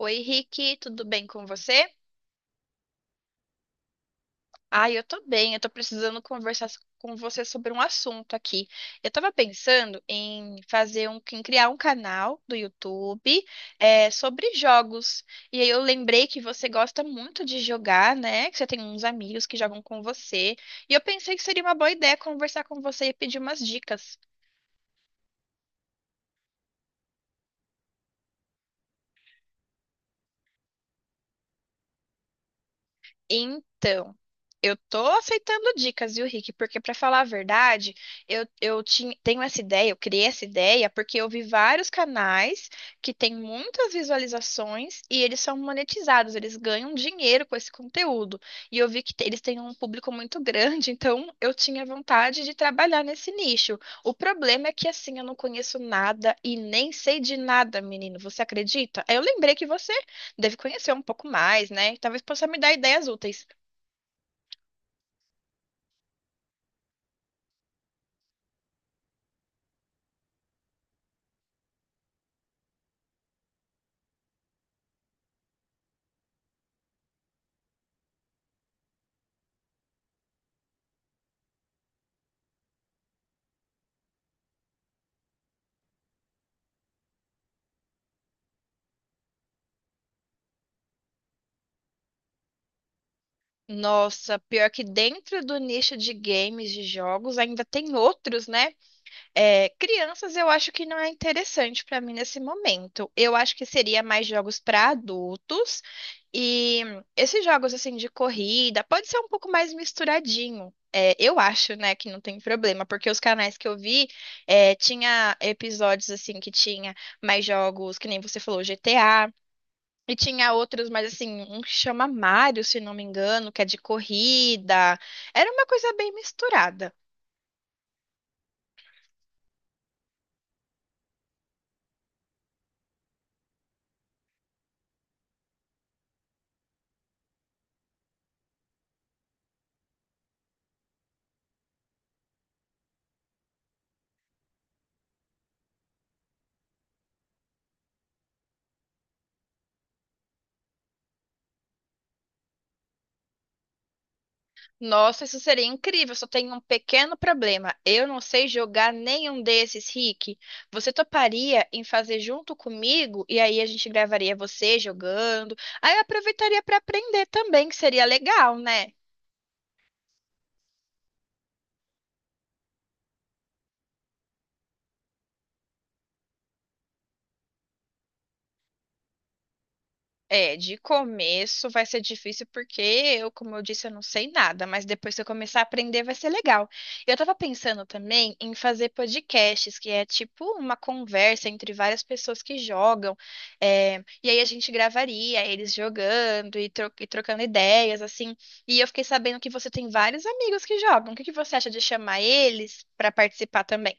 Oi, Rick, tudo bem com você? Ah, eu tô bem, eu tô precisando conversar com você sobre um assunto aqui. Eu tava pensando em criar um canal do YouTube, sobre jogos. E aí eu lembrei que você gosta muito de jogar, né? Que você tem uns amigos que jogam com você. E eu pensei que seria uma boa ideia conversar com você e pedir umas dicas. Então, eu tô aceitando dicas, viu, Rick? Porque, pra falar a verdade, eu tenho essa ideia, eu criei essa ideia porque eu vi vários canais que têm muitas visualizações e eles são monetizados, eles ganham dinheiro com esse conteúdo. E eu vi que eles têm um público muito grande, então eu tinha vontade de trabalhar nesse nicho. O problema é que, assim, eu não conheço nada e nem sei de nada, menino. Você acredita? Aí eu lembrei que deve conhecer um pouco mais, né? Talvez possa me dar ideias úteis. Nossa, pior que dentro do nicho de games, de jogos, ainda tem outros, né? É, crianças eu acho que não é interessante para mim nesse momento. Eu acho que seria mais jogos para adultos e esses jogos assim de corrida pode ser um pouco mais misturadinho. É, eu acho, né, que não tem problema, porque os canais que eu vi, tinha episódios assim que tinha mais jogos, que nem você falou, GTA, e tinha outros, mas assim, um que chama Mario, se não me engano, que é de corrida. Era uma coisa bem misturada. Nossa, isso seria incrível, só tem um pequeno problema. Eu não sei jogar nenhum desses, Rick. Você toparia em fazer junto comigo? E aí a gente gravaria você jogando. Aí eu aproveitaria para aprender também, que seria legal, né? É, de começo vai ser difícil porque eu, como eu disse, eu não sei nada, mas depois que eu começar a aprender vai ser legal. Eu tava pensando também em fazer podcasts, que é tipo uma conversa entre várias pessoas que jogam, e aí a gente gravaria eles jogando e, trocando ideias, assim. E eu fiquei sabendo que você tem vários amigos que jogam. O que que você acha de chamar eles pra participar também?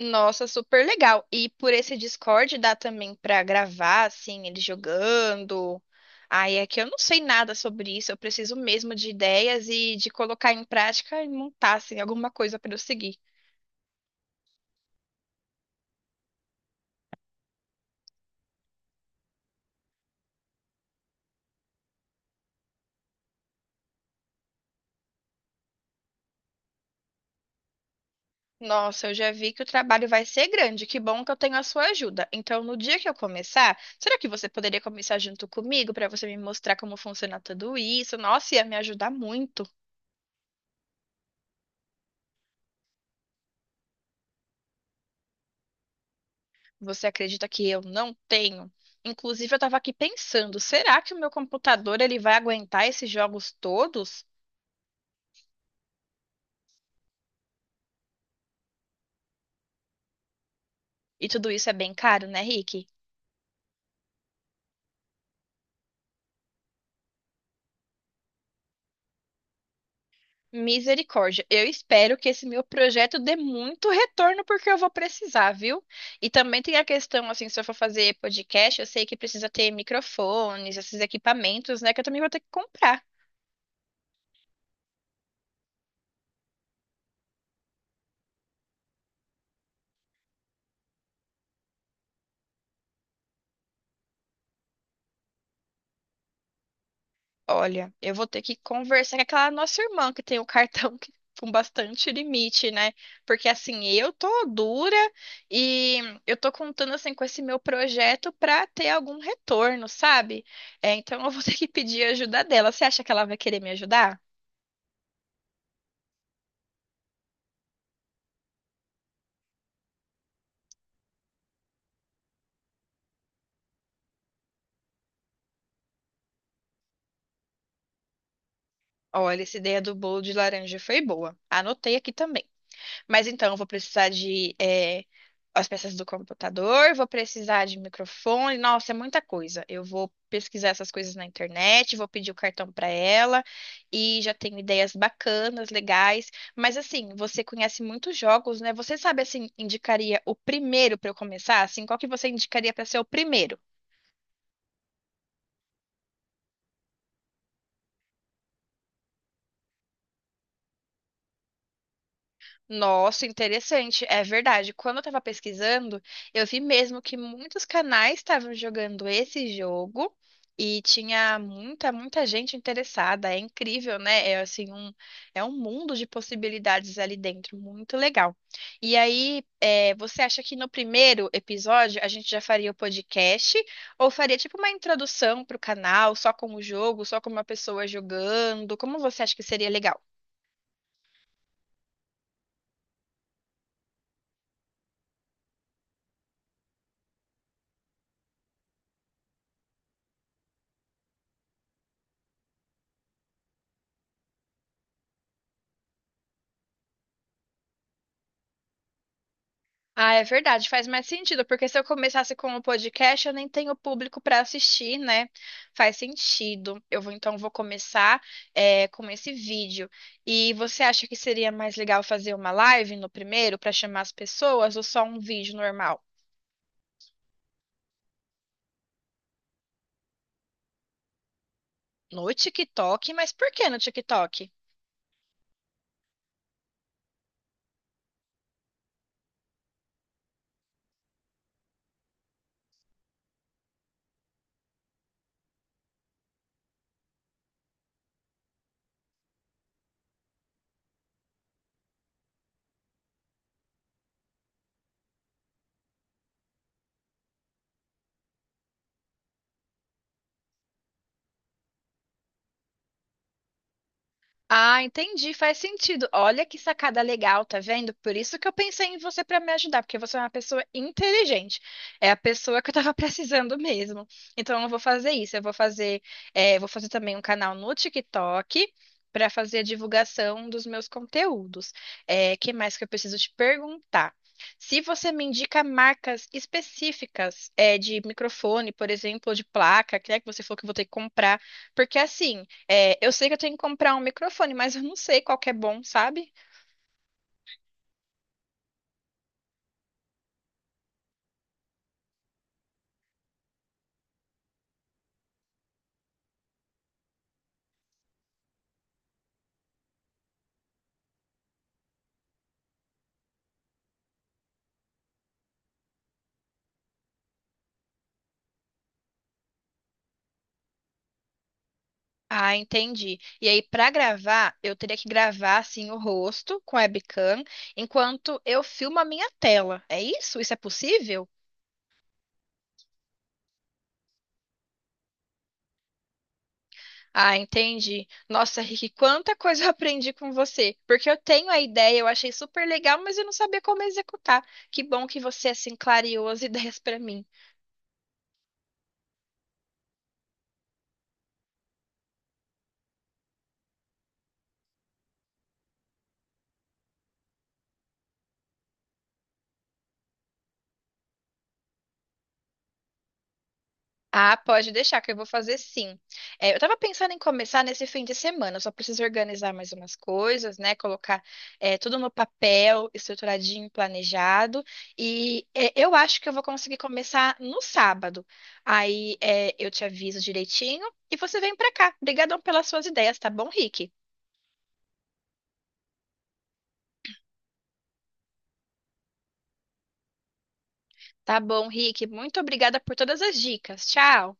Nossa, super legal. E por esse Discord dá também pra gravar, assim, ele jogando. Aí é que eu não sei nada sobre isso. Eu preciso mesmo de ideias e de colocar em prática e montar, assim, alguma coisa pra eu seguir. Nossa, eu já vi que o trabalho vai ser grande. Que bom que eu tenho a sua ajuda. Então, no dia que eu começar, será que você poderia começar junto comigo pra você me mostrar como funciona tudo isso? Nossa, ia me ajudar muito. Você acredita que eu não tenho? Inclusive, eu estava aqui pensando, será que o meu computador ele vai aguentar esses jogos todos? E tudo isso é bem caro, né, Rick? Misericórdia. Eu espero que esse meu projeto dê muito retorno porque eu vou precisar, viu? E também tem a questão, assim, se eu for fazer podcast, eu sei que precisa ter microfones, esses equipamentos, né, que eu também vou ter que comprar. Olha, eu vou ter que conversar com aquela nossa irmã que tem o cartão com bastante limite, né? Porque assim, eu tô dura e eu tô contando assim com esse meu projeto pra ter algum retorno, sabe? É, então eu vou ter que pedir ajuda dela. Você acha que ela vai querer me ajudar? Olha, essa ideia do bolo de laranja foi boa. Anotei aqui também. Mas então, eu vou precisar de as peças do computador, vou precisar de microfone. Nossa, é muita coisa. Eu vou pesquisar essas coisas na internet, vou pedir o cartão para ela e já tenho ideias bacanas, legais. Mas assim, você conhece muitos jogos, né? Você sabe, assim, indicaria o primeiro para eu começar? Assim, qual que você indicaria para ser o primeiro? Nossa, interessante. É verdade. Quando eu tava pesquisando, eu vi mesmo que muitos canais estavam jogando esse jogo e tinha muita gente interessada. É incrível, né? É assim um mundo de possibilidades ali dentro, muito legal. E aí, é, você acha que no primeiro episódio a gente já faria o podcast ou faria tipo uma introdução pro canal, só com o jogo, só com uma pessoa jogando? Como você acha que seria legal? Ah, é verdade, faz mais sentido, porque se eu começasse com o podcast, eu nem tenho público para assistir, né? Faz sentido. Eu vou então vou começar, com esse vídeo. E você acha que seria mais legal fazer uma live no primeiro para chamar as pessoas ou só um vídeo normal? No TikTok, mas por que no TikTok? Ah, entendi, faz sentido. Olha que sacada legal, tá vendo? Por isso que eu pensei em você para me ajudar, porque você é uma pessoa inteligente. É a pessoa que eu tava precisando mesmo. Então eu vou fazer isso, eu vou fazer, eh, vou fazer também um canal no TikTok para fazer a divulgação dos meus conteúdos. O que mais que eu preciso te perguntar? Se você me indica marcas específicas, de microfone, por exemplo, ou de placa, que é que você falou que eu vou ter que comprar, porque assim. É, eu sei que eu tenho que comprar um microfone, mas eu não sei qual que é bom, sabe? Ah, entendi. E aí, pra gravar, eu teria que gravar assim o rosto com a webcam enquanto eu filmo a minha tela. É isso? Isso é possível? Ah, entendi. Nossa, Rick, quanta coisa eu aprendi com você. Porque eu tenho a ideia, eu achei super legal, mas eu não sabia como executar. Que bom que você é assim, clareou as ideias pra mim. Ah, pode deixar que eu vou fazer sim. É, eu tava pensando em começar nesse fim de semana, eu só preciso organizar mais umas coisas, né? Colocar, tudo no papel, estruturadinho, planejado. E é, eu acho que eu vou conseguir começar no sábado. Aí é, eu te aviso direitinho e você vem pra cá. Obrigadão pelas suas ideias, tá bom, Rick? Tá bom, Rick. Muito obrigada por todas as dicas. Tchau.